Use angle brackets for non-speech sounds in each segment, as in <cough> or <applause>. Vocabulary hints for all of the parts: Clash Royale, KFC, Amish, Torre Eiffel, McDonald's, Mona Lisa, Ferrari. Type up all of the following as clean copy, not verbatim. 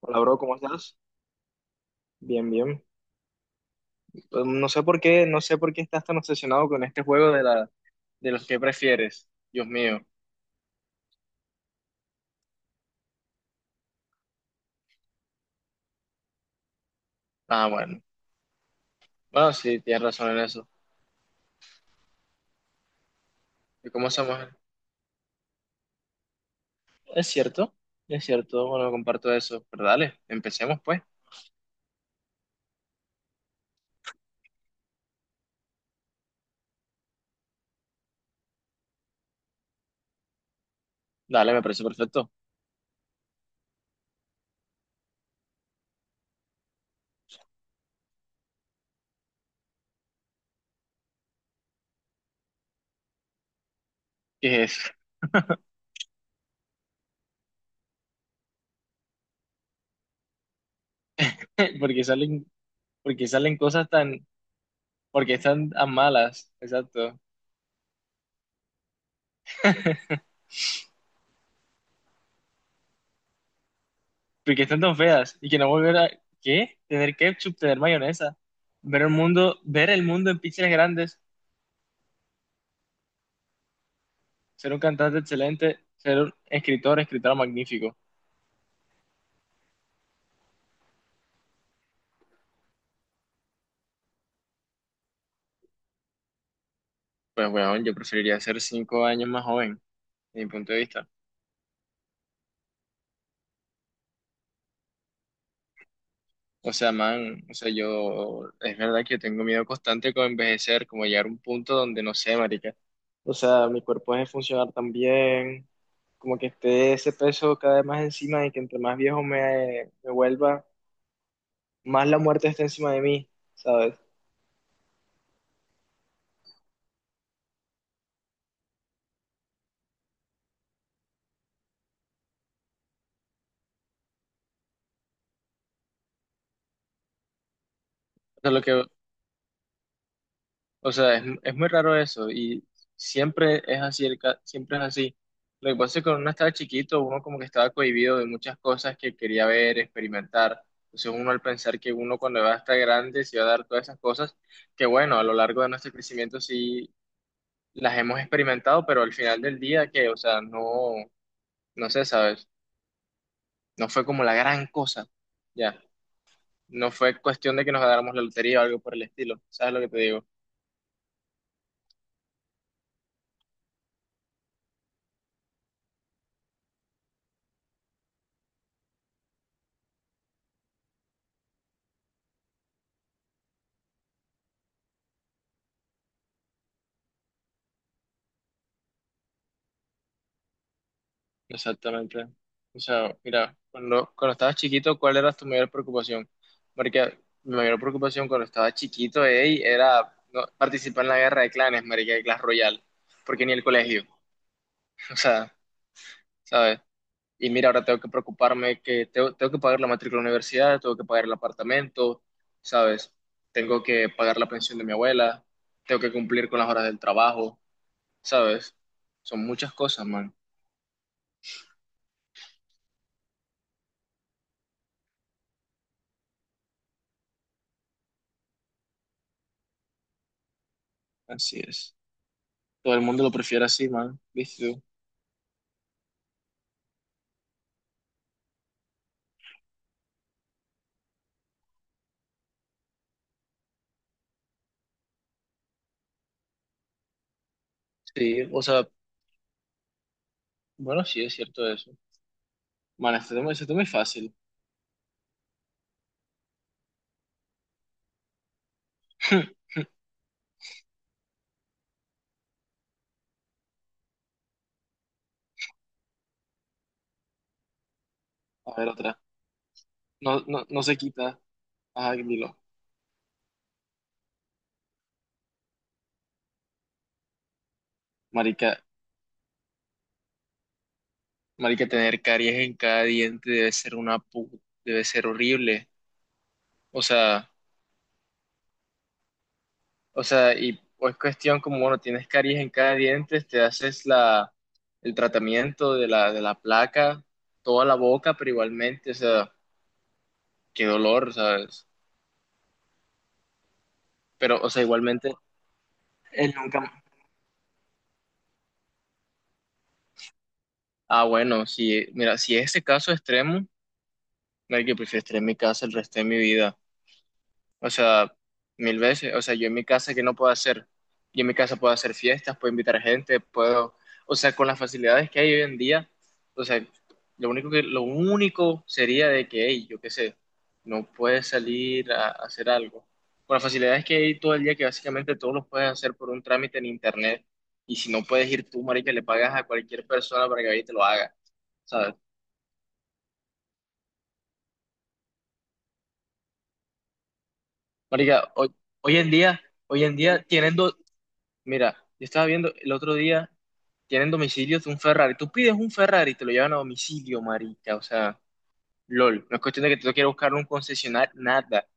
Hola, bro, ¿cómo estás? Bien, bien. Pues, no sé por qué estás tan obsesionado con este juego de los que prefieres. Dios mío. Ah, bueno. Bueno, sí, tienes razón en eso. ¿Y cómo hacemos? Es cierto, es cierto. Bueno, comparto eso. Pero dale, empecemos pues. Dale, me parece perfecto. ¿Qué es? <laughs> Porque salen, porque salen cosas tan, porque están tan malas, exacto. Porque están tan feas y que no volver a, ¿qué? Tener ketchup, tener mayonesa, ver el mundo en píxeles grandes. Ser un cantante excelente, ser un escritor magnífico. Pues bueno, yo preferiría ser 5 años más joven, desde mi punto de vista. O sea, man, yo, es verdad que yo tengo miedo constante con envejecer, como llegar a un punto donde no sé, marica. O sea, mi cuerpo deje de funcionar tan bien, como que esté ese peso cada vez más encima y que entre más viejo me vuelva, más la muerte está encima de mí, ¿sabes? O sea, lo que, O sea, es muy raro eso y siempre es así. Lo que pasa es que cuando uno estaba chiquito, uno como que estaba cohibido de muchas cosas que quería ver, experimentar. Entonces uno al pensar que uno cuando va a estar grande se va a dar todas esas cosas, que bueno, a lo largo de nuestro crecimiento sí las hemos experimentado, pero al final del día que, o sea, no, no sé, ¿sabes? No fue como la gran cosa, ya. No fue cuestión de que nos ganáramos la lotería o algo por el estilo, ¿sabes lo que te digo? Exactamente. O sea, mira, cuando estabas chiquito, ¿cuál era tu mayor preocupación? Porque mi mayor preocupación cuando estaba chiquito, ey, era no, participar en la guerra de clanes, marica, de Clash Royale, porque ni el colegio, <laughs> o sea, ¿sabes? Y mira, ahora tengo que preocuparme que tengo que pagar la matrícula de la universidad, tengo que pagar el apartamento, ¿sabes? Tengo que pagar la pensión de mi abuela, tengo que cumplir con las horas del trabajo, ¿sabes? Son muchas cosas, man. Así es. Todo el mundo lo prefiere así, man. ¿Viste? Sí, o sea, bueno, sí es cierto eso. Bueno, este tema es fácil. <laughs> A ver, otra. No, no, no se quita. Ah, dilo. Marica, marica, tener caries en cada diente debe ser debe ser horrible. O sea, o sea, y o es cuestión como, bueno, tienes caries en cada diente, te haces el tratamiento de la placa, toda la boca, pero igualmente, o sea, qué dolor, ¿sabes? Pero, o sea, igualmente, él nunca... Ah, bueno, si, mira, si es ese caso extremo, que prefiero estar en mi casa el resto de mi vida. O sea, mil veces. O sea, yo en mi casa, ¿qué no puedo hacer? Yo en mi casa puedo hacer fiestas, puedo invitar gente, puedo... O sea, con las facilidades que hay hoy en día, o sea, lo único sería de que, hey, yo qué sé, no puedes salir a hacer algo. Con las facilidades que hay todo el día, que básicamente todos los puedes hacer por un trámite en internet. Y si no puedes ir tú, marica, le pagas a cualquier persona para que vaya y te lo haga. ¿Sabes? Marica, hoy en día... Hoy en día Mira, yo estaba viendo el otro día, tienen domicilios de un Ferrari. Tú pides un Ferrari y te lo llevan a domicilio, marica. O sea, lol. No es cuestión de que tú quieras buscar un concesionario, nada.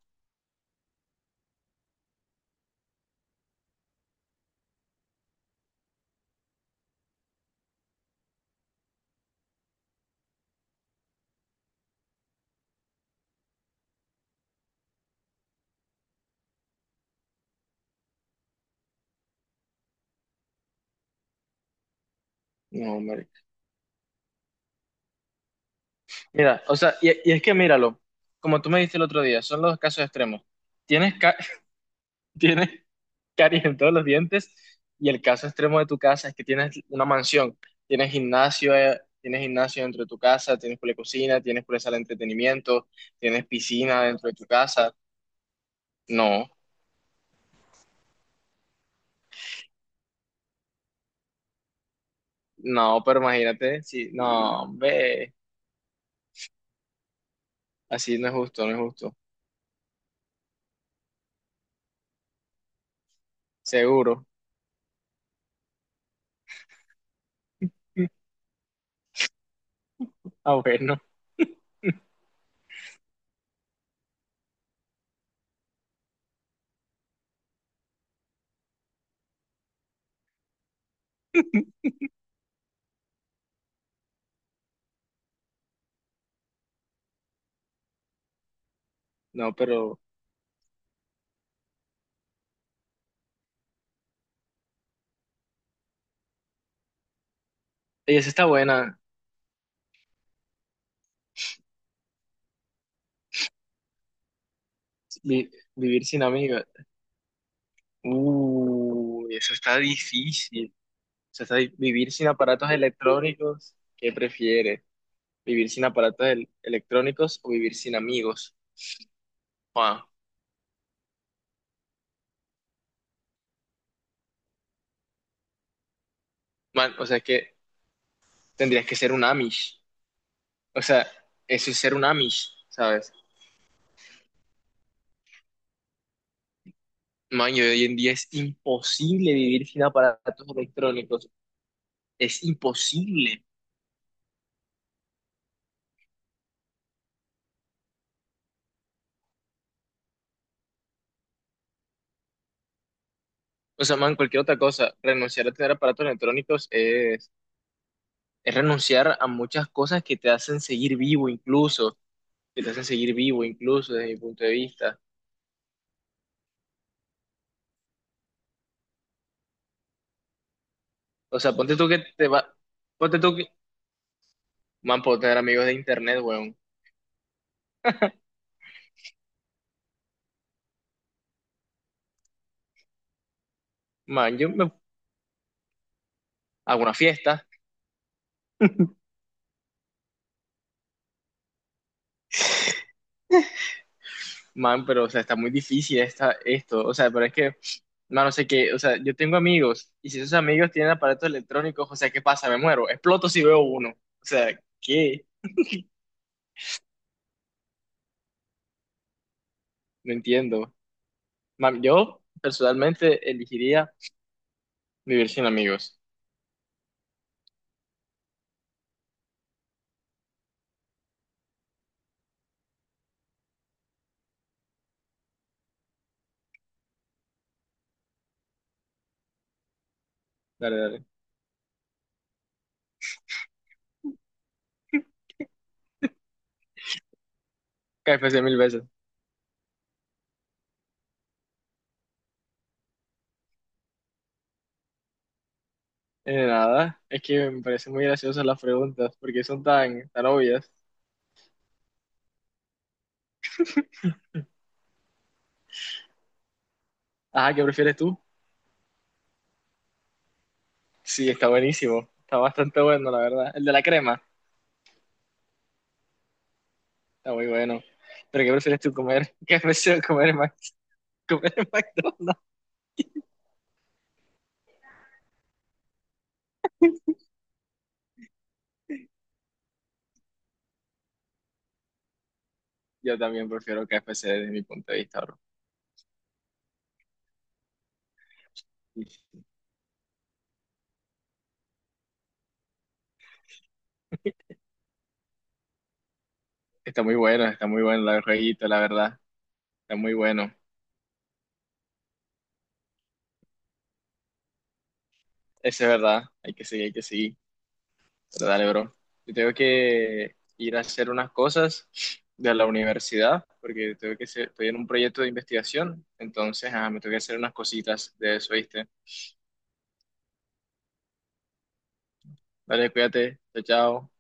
No, marica. Mira, o sea, y es que míralo, como tú me dijiste el otro día, son los casos extremos. Tienes, ca- <laughs> Tienes caries en todos los dientes y el caso extremo de tu casa es que tienes una mansión, tienes gimnasio dentro de tu casa, tienes por cocina, tienes por sala de entretenimiento, tienes piscina dentro de tu casa. No. No, pero imagínate, sí, no, ve, así no es justo, no es justo. Seguro. <laughs> Ah, bueno. No, pero ey, esa está buena. vi- Vivir sin amigos. Eso está difícil. Vivir sin aparatos electrónicos. ¿Qué prefieres? ¿Vivir sin aparatos electrónicos o vivir sin amigos? Ah, man, o sea, es que tendrías que ser un Amish. O sea, eso es ser un Amish, ¿sabes? Maño, hoy en día es imposible vivir sin aparatos electrónicos. Es imposible. O sea, man, cualquier otra cosa, renunciar a tener aparatos electrónicos es renunciar a muchas cosas que te hacen seguir vivo incluso, que te hacen seguir vivo incluso desde mi punto de vista. O sea, ponte tú que, man, puedo tener amigos de internet, weón. Man, yo me hago una fiesta, <laughs> man, pero, o sea, está muy difícil esta, esto. O sea, pero es que mano, sé que, o sea, yo tengo amigos y si esos amigos tienen aparatos electrónicos, o sea, ¿qué pasa? Me muero, exploto si veo uno. O sea, ¿qué? No entiendo. Man, yo personalmente elegiría vivir sin amigos. Dale, dale. KFC mil veces. Nada, es que me parecen muy graciosas las preguntas porque son tan, tan obvias. Ajá, ¿qué prefieres tú? Sí, está buenísimo. Está bastante bueno, la verdad. El de la crema, está muy bueno. Pero ¿qué prefieres tú comer? <laughs> qué prefieres comer, en comer en McDonald's? Yo también prefiero KFC desde mi punto de vista, bro. Está muy bueno el jueguito, la verdad. Está muy bueno. Eso es verdad. Hay que seguir, hay que seguir. Pero dale, bro. Yo tengo que ir a hacer unas cosas de la universidad, porque tengo que estoy en un proyecto de investigación. Entonces, ah, me tengo que hacer unas cositas de eso, ¿viste? Dale, cuídate. Chao, chao.